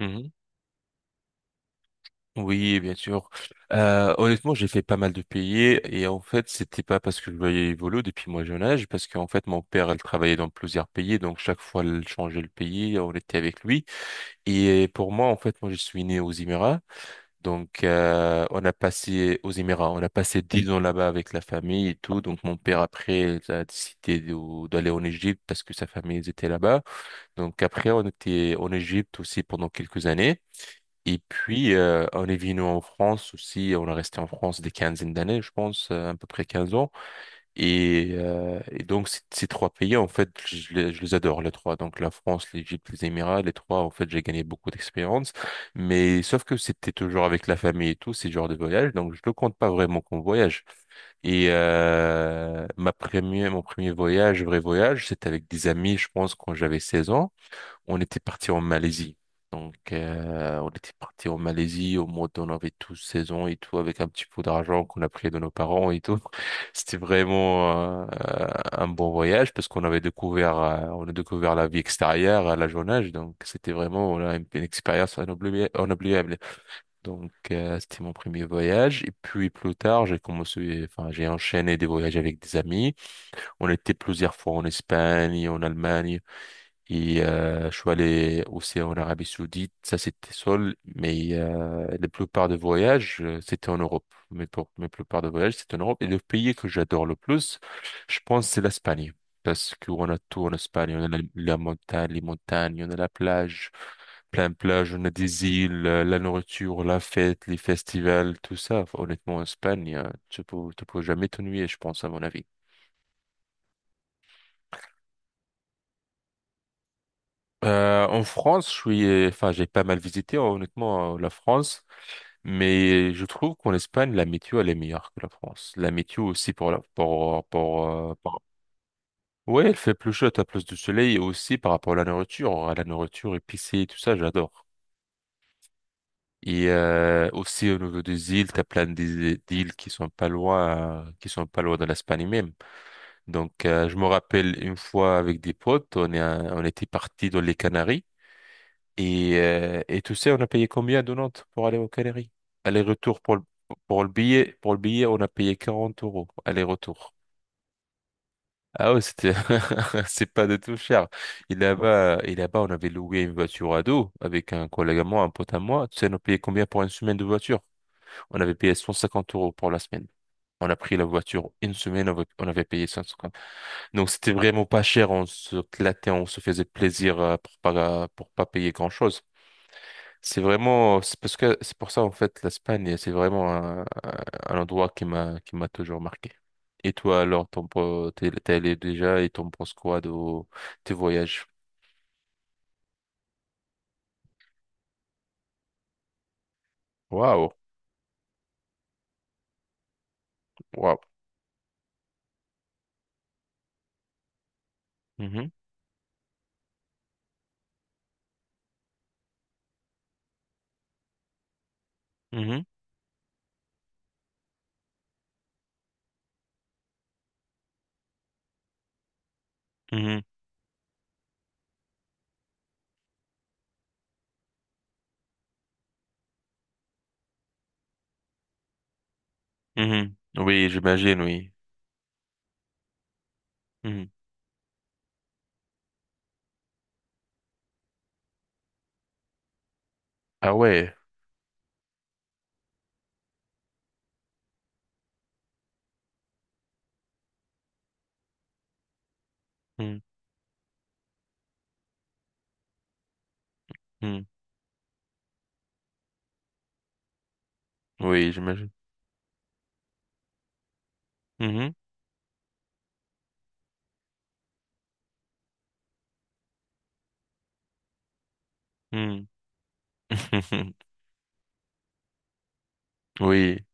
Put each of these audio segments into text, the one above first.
Mhm. Oui, bien sûr. Honnêtement, j'ai fait pas mal de pays et en fait, c'était pas parce que je voyais évoluer depuis mon jeune âge, parce qu'en fait, mon père, elle travaillait dans plusieurs pays, donc chaque fois, elle changeait le pays, on était avec lui. Et pour moi, en fait, moi, je suis né aux Émirats, donc on a passé aux Émirats, on a passé dix ans là-bas avec la famille et tout. Donc mon père après elle a décidé d'aller en Égypte parce que sa famille elle était là-bas. Donc après, on était en Égypte aussi pendant quelques années. Et puis, on est venu en France aussi, on est resté en France des quinzaines d'années, je pense, à peu près 15 ans. Et donc, ces trois pays, en fait, je les adore, les trois. Donc, la France, l'Égypte, les Émirats, les trois, en fait, j'ai gagné beaucoup d'expérience. Mais sauf que c'était toujours avec la famille et tout, ces genres de voyage, donc je ne le compte pas vraiment comme voyage. Et mon premier voyage, vrai voyage, c'était avec des amis, je pense, quand j'avais 16 ans. On était parti en Malaisie. Donc, on était parti en Malaisie au mois on avait tous seize ans et tout, avec un petit peu d'argent qu'on a pris de nos parents et tout. C'était vraiment un bon voyage parce qu'on a découvert la vie extérieure à la jeune âge. Donc, c'était vraiment voilà, une expérience inoubliable. Donc, c'était mon premier voyage. Et puis, plus tard, j'ai commencé, enfin, j'ai enchaîné des voyages avec des amis. On était plusieurs fois en Espagne, en Allemagne. Et je suis allé aussi en Arabie Saoudite, ça c'était seul, mais la plupart des voyages, c'était en Europe. Mais pour la plupart des voyages, c'était en Europe. Et le pays que j'adore le plus, je pense, c'est l'Espagne. Parce qu'on a tout en Espagne. On a la montagne, les montagnes, on a la plage, plein de plages, on a des îles, la nourriture, la fête, les festivals, tout ça. Enfin, honnêtement, en Espagne, tu peux jamais t'ennuyer, je pense, à mon avis. En France, je suis, enfin, j'ai pas mal visité, honnêtement, la France. Mais je trouve qu'en Espagne, la météo, elle est meilleure que la France. La météo aussi pour la, Ouais, elle fait plus chaud, t'as plus de soleil et aussi par rapport à la nourriture épicée, tout ça, j'adore. Et aussi au niveau des îles, t'as plein d'îles qui sont pas loin, qui sont pas loin de l'Espagne même. Donc, je me rappelle une fois avec des potes, on était partis dans les Canaries. Et tu sais, on a payé combien de Nantes pour aller aux Canaries? Aller-retour pour le billet, on a payé 40 euros. Aller-retour. Ah ouais, c'était, c'est pas du tout cher. Et là-bas, on avait loué une voiture à dos avec un collègue à moi, un pote à moi. Tu sais, on a payé combien pour une semaine de voiture? On avait payé 150 € pour la semaine. On a pris la voiture une semaine, on avait payé 150. Donc c'était vraiment pas cher, on se clatait, on se faisait plaisir pour pas payer grand-chose. C'est vraiment, c'est parce que c'est pour ça en fait l'Espagne, c'est vraiment un, endroit qui m'a toujours marqué. Et toi alors, t'es allé déjà et t'en penses quoi de tes voyages? Waouh, waouh. Mhm, mhm, mhm, mhm. Oui, j'imagine, oui. Mhm. Ah ouais. Mhm, mhm. Oui, j'imagine. Mhm, mhm. Oui,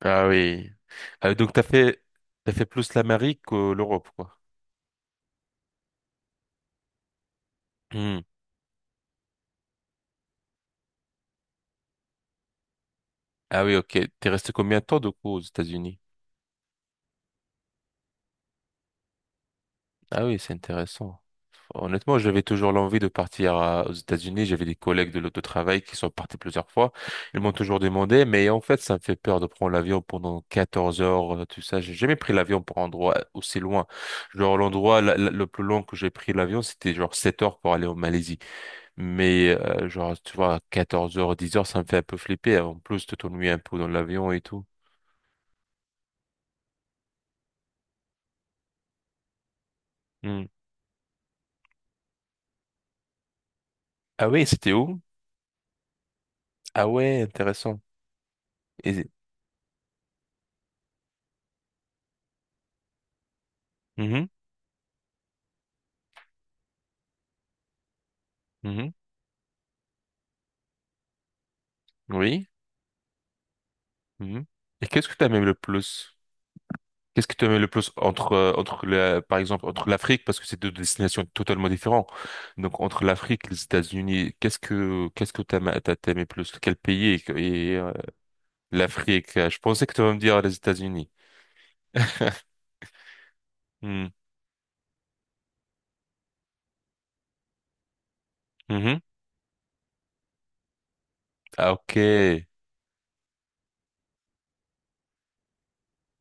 ah oui. Ah, donc t'as fait plus l'Amérique que l'Europe, quoi. Mhm. Ah oui, ok. T'es resté combien de temps du coup aux États-Unis? Ah oui, c'est intéressant. Honnêtement, j'avais toujours l'envie de partir aux États-Unis. J'avais des collègues de l'autotravail qui sont partis plusieurs fois. Ils m'ont toujours demandé, mais en fait, ça me fait peur de prendre l'avion pendant 14 heures, tout ça. J'ai jamais pris l'avion pour un endroit aussi loin. Genre, l'endroit le plus long que j'ai pris l'avion, c'était genre 7 heures pour aller en Malaisie. Mais, genre, tu vois, 14 heures, 10 heures, ça me fait un peu flipper. Hein, en plus, tu t'ennuies un peu dans l'avion et tout. Hmm. Ah oui, c'était où? Ah ouais, intéressant. Et... Mhm, mhm. Oui. Mhm. Et qu'est-ce que tu aimes le plus? Qu'est-ce que tu aimes le plus entre, entre la, par exemple, entre l'Afrique, parce que c'est deux destinations totalement différentes. Donc, entre l'Afrique et les États-Unis, qu'est-ce que t'aimais plus? Quel pays et, et, euh, l'Afrique? Je pensais que tu vas me dire les États-Unis. Hmm. Mhm. Ah, ok.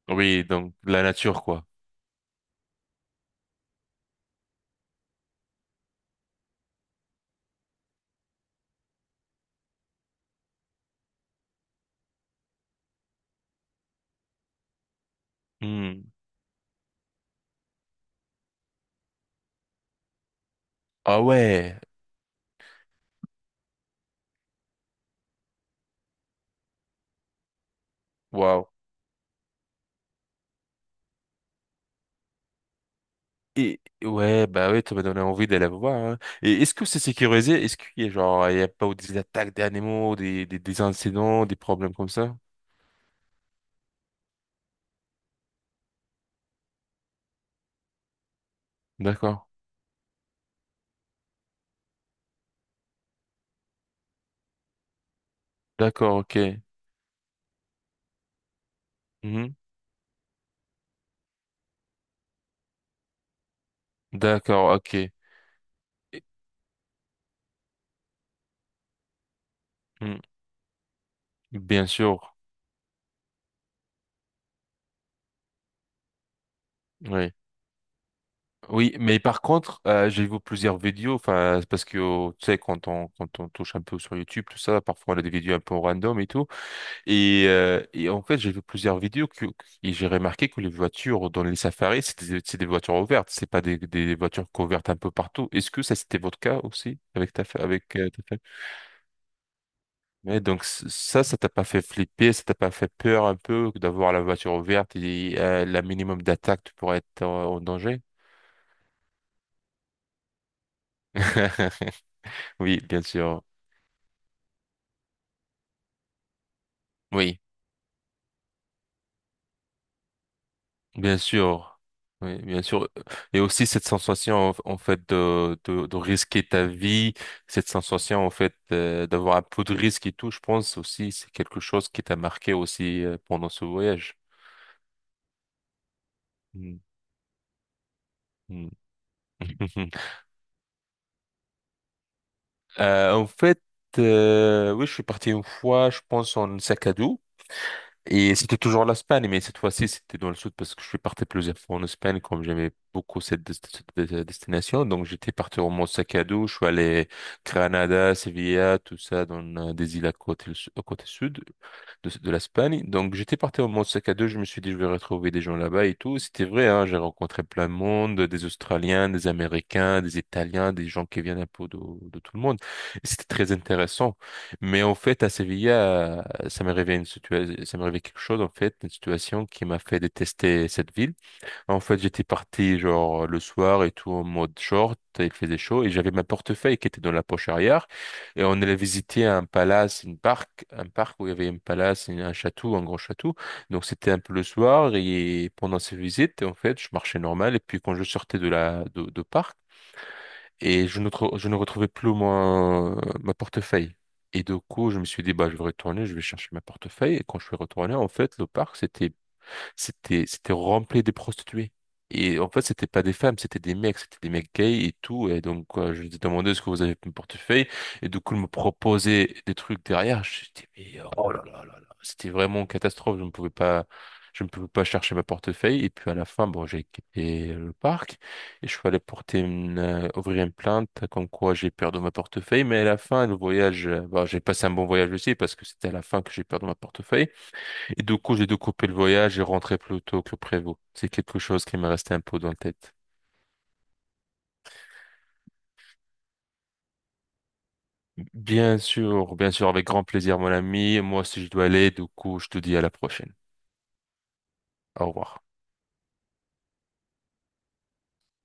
Oui, donc, la nature, quoi. Hmm. Ah ouais. Et ouais, bah ouais ça m'a donné envie d'aller voir. Hein. Et est-ce que c'est sécurisé? Est-ce qu'il y a genre, il y a pas eu des attaques d'animaux, des incidents, des problèmes comme ça? D'accord. D'accord, ok. Mhm. D'accord, ok. Et- hmm, Bien sûr. Oui. Oui, mais par contre, j'ai vu plusieurs vidéos, enfin, c'est parce que, tu sais, quand on touche un peu sur YouTube, tout ça, parfois on a des vidéos un peu random et tout. Et en fait, j'ai vu plusieurs vidéos que, et j'ai remarqué que les voitures dans les safaris, c'est des voitures ouvertes, c'est pas des voitures couvertes un peu partout. Est-ce que ça, c'était votre cas aussi avec ta, avec ta femme? Ouais, donc ça, ça t'a pas fait flipper, ça t'a pas fait peur un peu d'avoir la voiture ouverte et la minimum d'attaque, tu pourrais être en danger? Oui, bien sûr. Oui. Bien sûr, oui, bien sûr. Et aussi cette sensation en fait de risquer ta vie, cette sensation en fait d'avoir un peu de risque et tout, je pense aussi c'est quelque chose qui t'a marqué aussi pendant ce voyage. Mm, mm. En fait, oui, je suis parti une fois, je pense en sac à dos. Et c'était toujours l'Espagne, mais cette fois-ci, c'était dans le sud parce que je suis parti plusieurs fois en Espagne, comme j'aimais beaucoup cette destination. Donc, j'étais parti au Mont sac à dos, je suis allé Granada, Sevilla, tout ça, dans des îles à côté, au côté sud de, l'Espagne. Donc, j'étais parti en mode sac à deux. Je me suis dit, je vais retrouver des gens là-bas et tout. C'était vrai, hein, j'ai rencontré plein de monde, des Australiens, des Américains, des Italiens, des gens qui viennent un peu de tout le monde. Et c'était très intéressant. Mais en fait, à Séville, ça m'est arrivé une situation, ça m'est arrivé quelque chose, en fait, une situation qui m'a fait détester cette ville. En fait, j'étais parti genre le soir et tout en mode short, il faisait chaud et j'avais ma portefeuille qui était dans la poche arrière et on allait visiter un palace, une parc, un parc où il y avait une palace, un château, un grand château. Donc c'était un peu le soir et pendant ces visites, en fait, je marchais normal et puis quand je sortais de la de parc et je ne trou- je ne retrouvais plus mon ma portefeuille. Et du coup, je me suis dit, bah, je vais retourner, je vais chercher ma portefeuille. Et quand je suis retourné, en fait, le parc, c'était rempli de prostituées. Et en fait, c'était pas des femmes, c'était des mecs gays et tout. Et donc, quoi, je lui ai demandé ce que vous avez mon portefeuille. Et du coup, ils me proposait des trucs derrière. Je dis, mais oh là là là là, c'était vraiment une catastrophe. Je ne pouvais pas, je ne pouvais pas chercher ma portefeuille. Et puis à la fin, bon, j'ai quitté le parc et je suis allé ouvrir une plainte comme quoi j'ai perdu ma portefeuille. Mais à la fin, le voyage, bon, j'ai passé un bon voyage aussi parce que c'était à la fin que j'ai perdu ma portefeuille. Et du coup, j'ai dû couper le voyage et rentrer plus tôt que prévu. C'est quelque chose qui m'est resté un peu dans la tête. Bien sûr, avec grand plaisir, mon ami. Moi aussi, je dois aller. Du coup, je te dis à la prochaine. Au revoir.